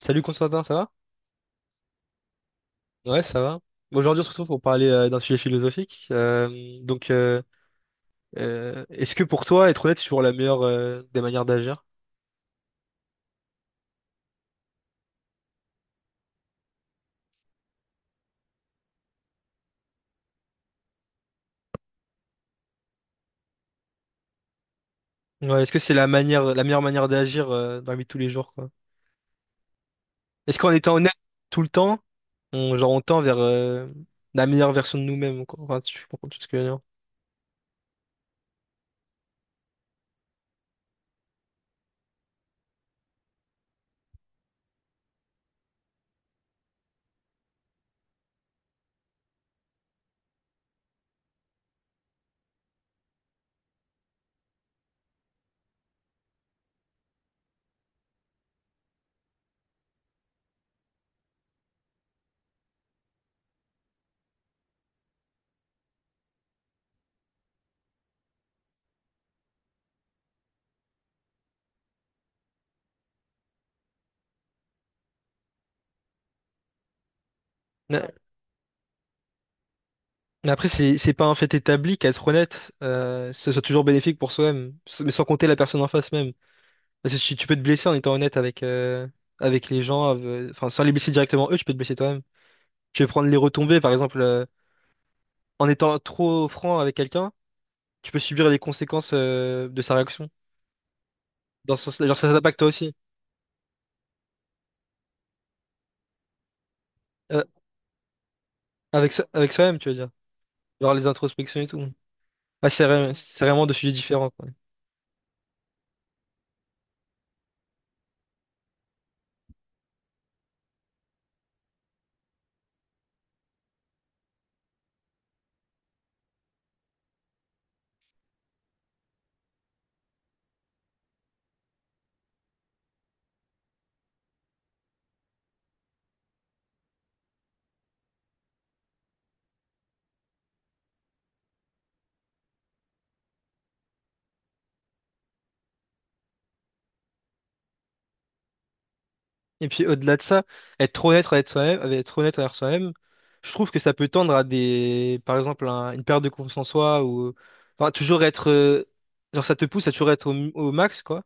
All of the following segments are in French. Salut Constantin, ça va? Ouais, ça va. Aujourd'hui, on se retrouve pour parler d'un sujet philosophique. Est-ce que pour toi, être honnête, c'est toujours la meilleure des manières d'agir? Ouais, est-ce que c'est la manière, la meilleure manière d'agir dans la vie de tous les jours, quoi? Est-ce qu'en étant honnête tout le temps, on, genre, on tend vers la meilleure version de nous-mêmes, quoi? Enfin, tu comprends tout ce que je veux dire. Mais, mais après, c'est pas un fait établi qu'être honnête, ce soit toujours bénéfique pour soi-même, mais sans compter la personne en face même. Parce que tu peux te blesser en étant honnête avec, avec les gens, enfin, sans les blesser directement eux, tu peux te blesser toi-même. Tu peux prendre les retombées, par exemple, en étant trop franc avec quelqu'un, tu peux subir les conséquences, de sa réaction. Dans ce sens, genre, ça t'impacte toi aussi. Euh, Avec, avec soi-même, tu veux dire. Genre les introspections et tout. Ah, c'est vraiment deux sujets différents, quoi. Et puis au-delà de ça, être trop honnête avec soi-même, être honnête envers soi-même, je trouve que ça peut tendre à des, par exemple, une perte de confiance en soi ou, enfin, toujours être, genre ça te pousse à toujours être au, au max, quoi.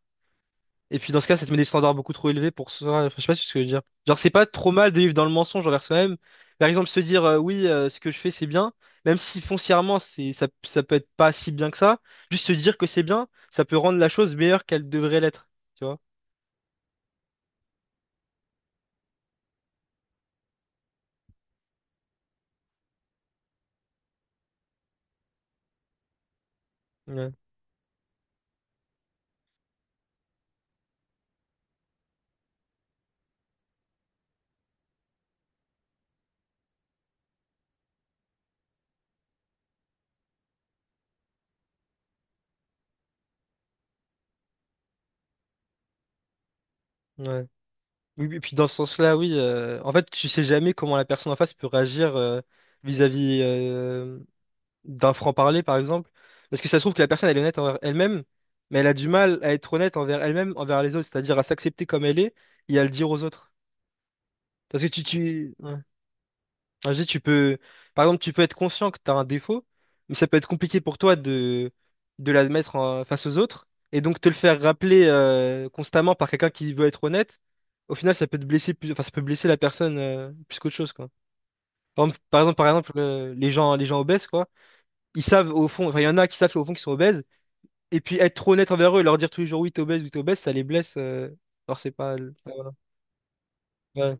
Et puis dans ce cas, ça te met des standards beaucoup trop élevés pour soi. Enfin, je sais pas si ce que je veux dire. Genre c'est pas trop mal de vivre dans le mensonge envers soi-même. Par exemple, se dire oui, ce que je fais c'est bien, même si foncièrement c'est ça, ça peut être pas si bien que ça. Juste se dire que c'est bien, ça peut rendre la chose meilleure qu'elle devrait l'être. Tu vois? Ouais. Ouais. Oui, oui, puis dans ce sens-là, oui. En fait, tu sais jamais comment la personne en face peut réagir vis-à-vis d'un franc-parler, par exemple. Parce que ça se trouve que la personne, elle est honnête envers elle-même, mais elle a du mal à être honnête envers elle-même, envers les autres, c'est-à-dire à s'accepter comme elle est et à le dire aux autres. Parce que tu... Ah, je dis, tu peux, par exemple, tu peux être conscient que tu as un défaut, mais ça peut être compliqué pour toi de l'admettre face aux autres. Et donc, te le faire rappeler constamment par quelqu'un qui veut être honnête, au final, ça peut te blesser plus, enfin, ça peut blesser la personne plus qu'autre chose, quoi. Par exemple, les gens obèses, quoi, ils savent au fond, enfin, il y en a qui savent au fond qu'ils sont obèses, et puis être trop honnête envers eux et leur dire tous les jours oui, t'es obèse, ça les blesse. Alors, c'est pas. Ouais.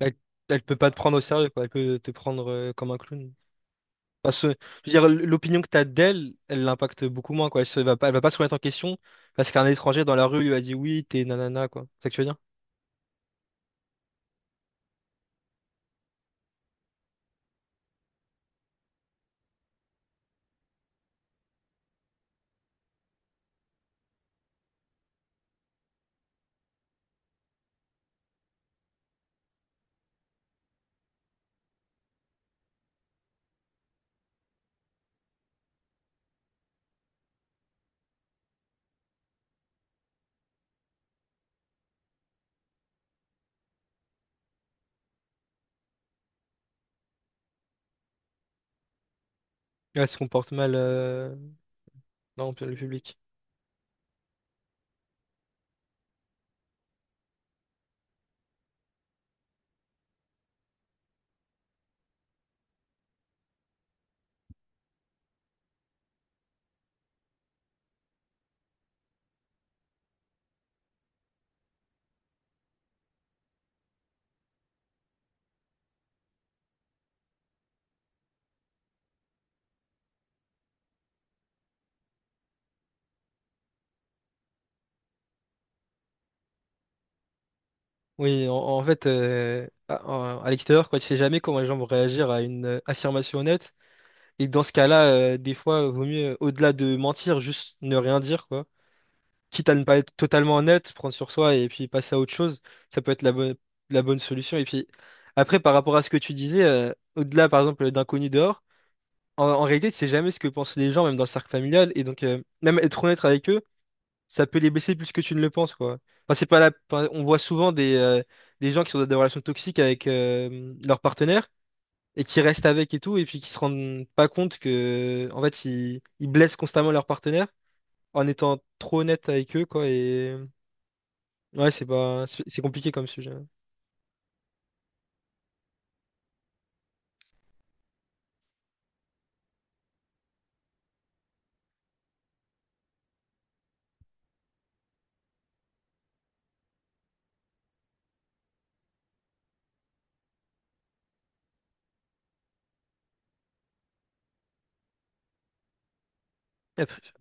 Elle, elle peut pas te prendre au sérieux, quoi. Elle peut te prendre comme un clown. Parce que, je veux dire, l'opinion que tu as d'elle, elle l'impacte beaucoup moins, quoi. Va pas, elle va pas se remettre en question parce qu'un étranger dans la rue lui a dit oui, t'es nanana, quoi. C'est ça que tu veux dire? Elle se comporte mal dans le public. Oui, en, en fait, à l'extérieur, quoi, tu sais jamais comment les gens vont réagir à une affirmation honnête. Et dans ce cas-là, des fois, vaut mieux, au-delà de mentir, juste ne rien dire, quoi. Quitte à ne pas être totalement honnête, prendre sur soi et puis passer à autre chose, ça peut être la bonne solution. Et puis, après, par rapport à ce que tu disais, au-delà, par exemple, d'inconnus dehors, en, en réalité, tu sais jamais ce que pensent les gens, même dans le cercle familial. Et donc, même être honnête avec eux, ça peut les blesser plus que tu ne le penses, quoi. Enfin, c'est pas la... enfin, on voit souvent des gens qui sont dans des relations toxiques avec leur partenaire et qui restent avec et tout, et puis qui se rendent pas compte que, en fait, ils blessent constamment leur partenaire en étant trop honnête avec eux, quoi. Et ouais, c'est pas, c'est compliqué comme sujet. Après,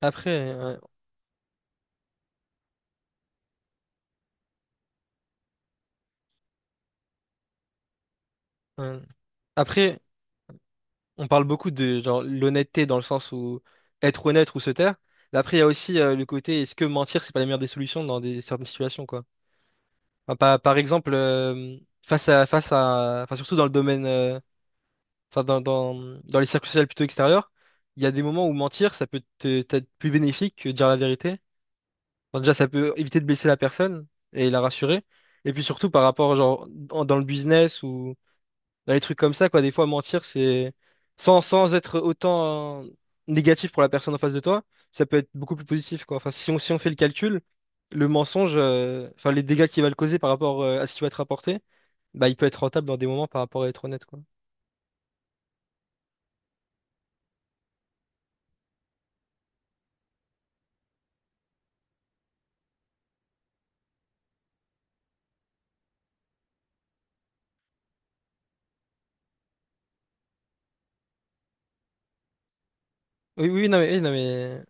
après, euh, euh, après, on parle beaucoup de genre l'honnêteté dans le sens où être honnête ou se taire. Mais après, il y a aussi le côté est-ce que mentir, c'est pas la meilleure des solutions dans des certaines situations, quoi. Enfin, par, par exemple, face à, enfin surtout dans le domaine enfin dans, dans, dans les cercles sociaux plutôt extérieurs, il y a des moments où mentir, ça peut t'être plus bénéfique que dire la vérité. Enfin, déjà, ça peut éviter de blesser la personne et la rassurer. Et puis surtout par rapport, genre, dans le business ou dans les trucs comme ça, quoi, des fois, mentir, c'est sans, sans être autant négatif pour la personne en face de toi, ça peut être beaucoup plus positif, quoi. Enfin, si on, si on fait le calcul, le mensonge, enfin, les dégâts qu'il va le causer par rapport à ce qui va être rapporté bah, il peut être rentable dans des moments par rapport à être honnête, quoi. Oui, oui, non, mais...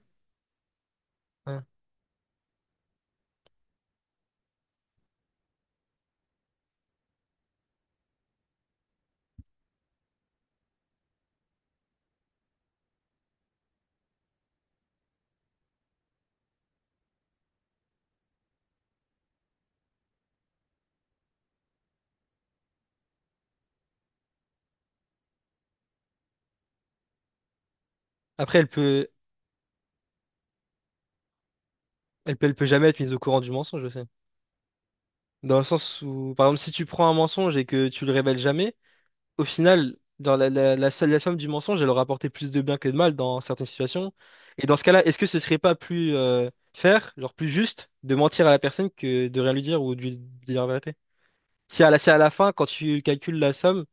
Après, elle peut jamais être mise au courant du mensonge, je sais. Dans le sens où, par exemple, si tu prends un mensonge et que tu le révèles jamais, au final, dans la somme du mensonge, elle aura apporté plus de bien que de mal dans certaines situations. Et dans ce cas-là, est-ce que ce serait pas plus faire, genre plus juste, de mentir à la personne que de rien lui dire ou de lui dire la vérité? Si à la fin, quand tu calcules la somme,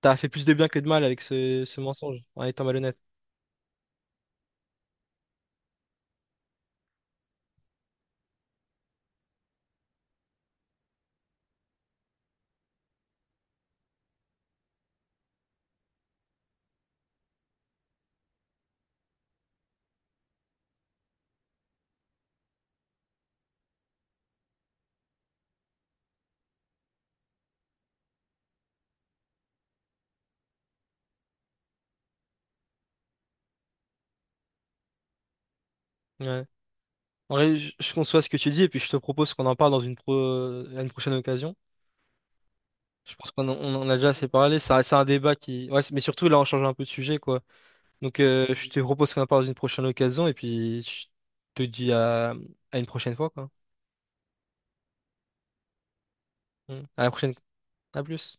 t'as fait plus de bien que de mal avec ce mensonge, en étant malhonnête. Ouais. En vrai, je conçois ce que tu dis et puis je te propose qu'on en parle dans à une prochaine occasion. Je pense qu'on en on en a déjà assez parlé. C'est un débat qui. Ouais, c'est- mais surtout, là, on change un peu de sujet, quoi. Donc, je te propose qu'on en parle dans une prochaine occasion et puis je te dis à une prochaine fois, quoi. Mm. À la prochaine. À plus.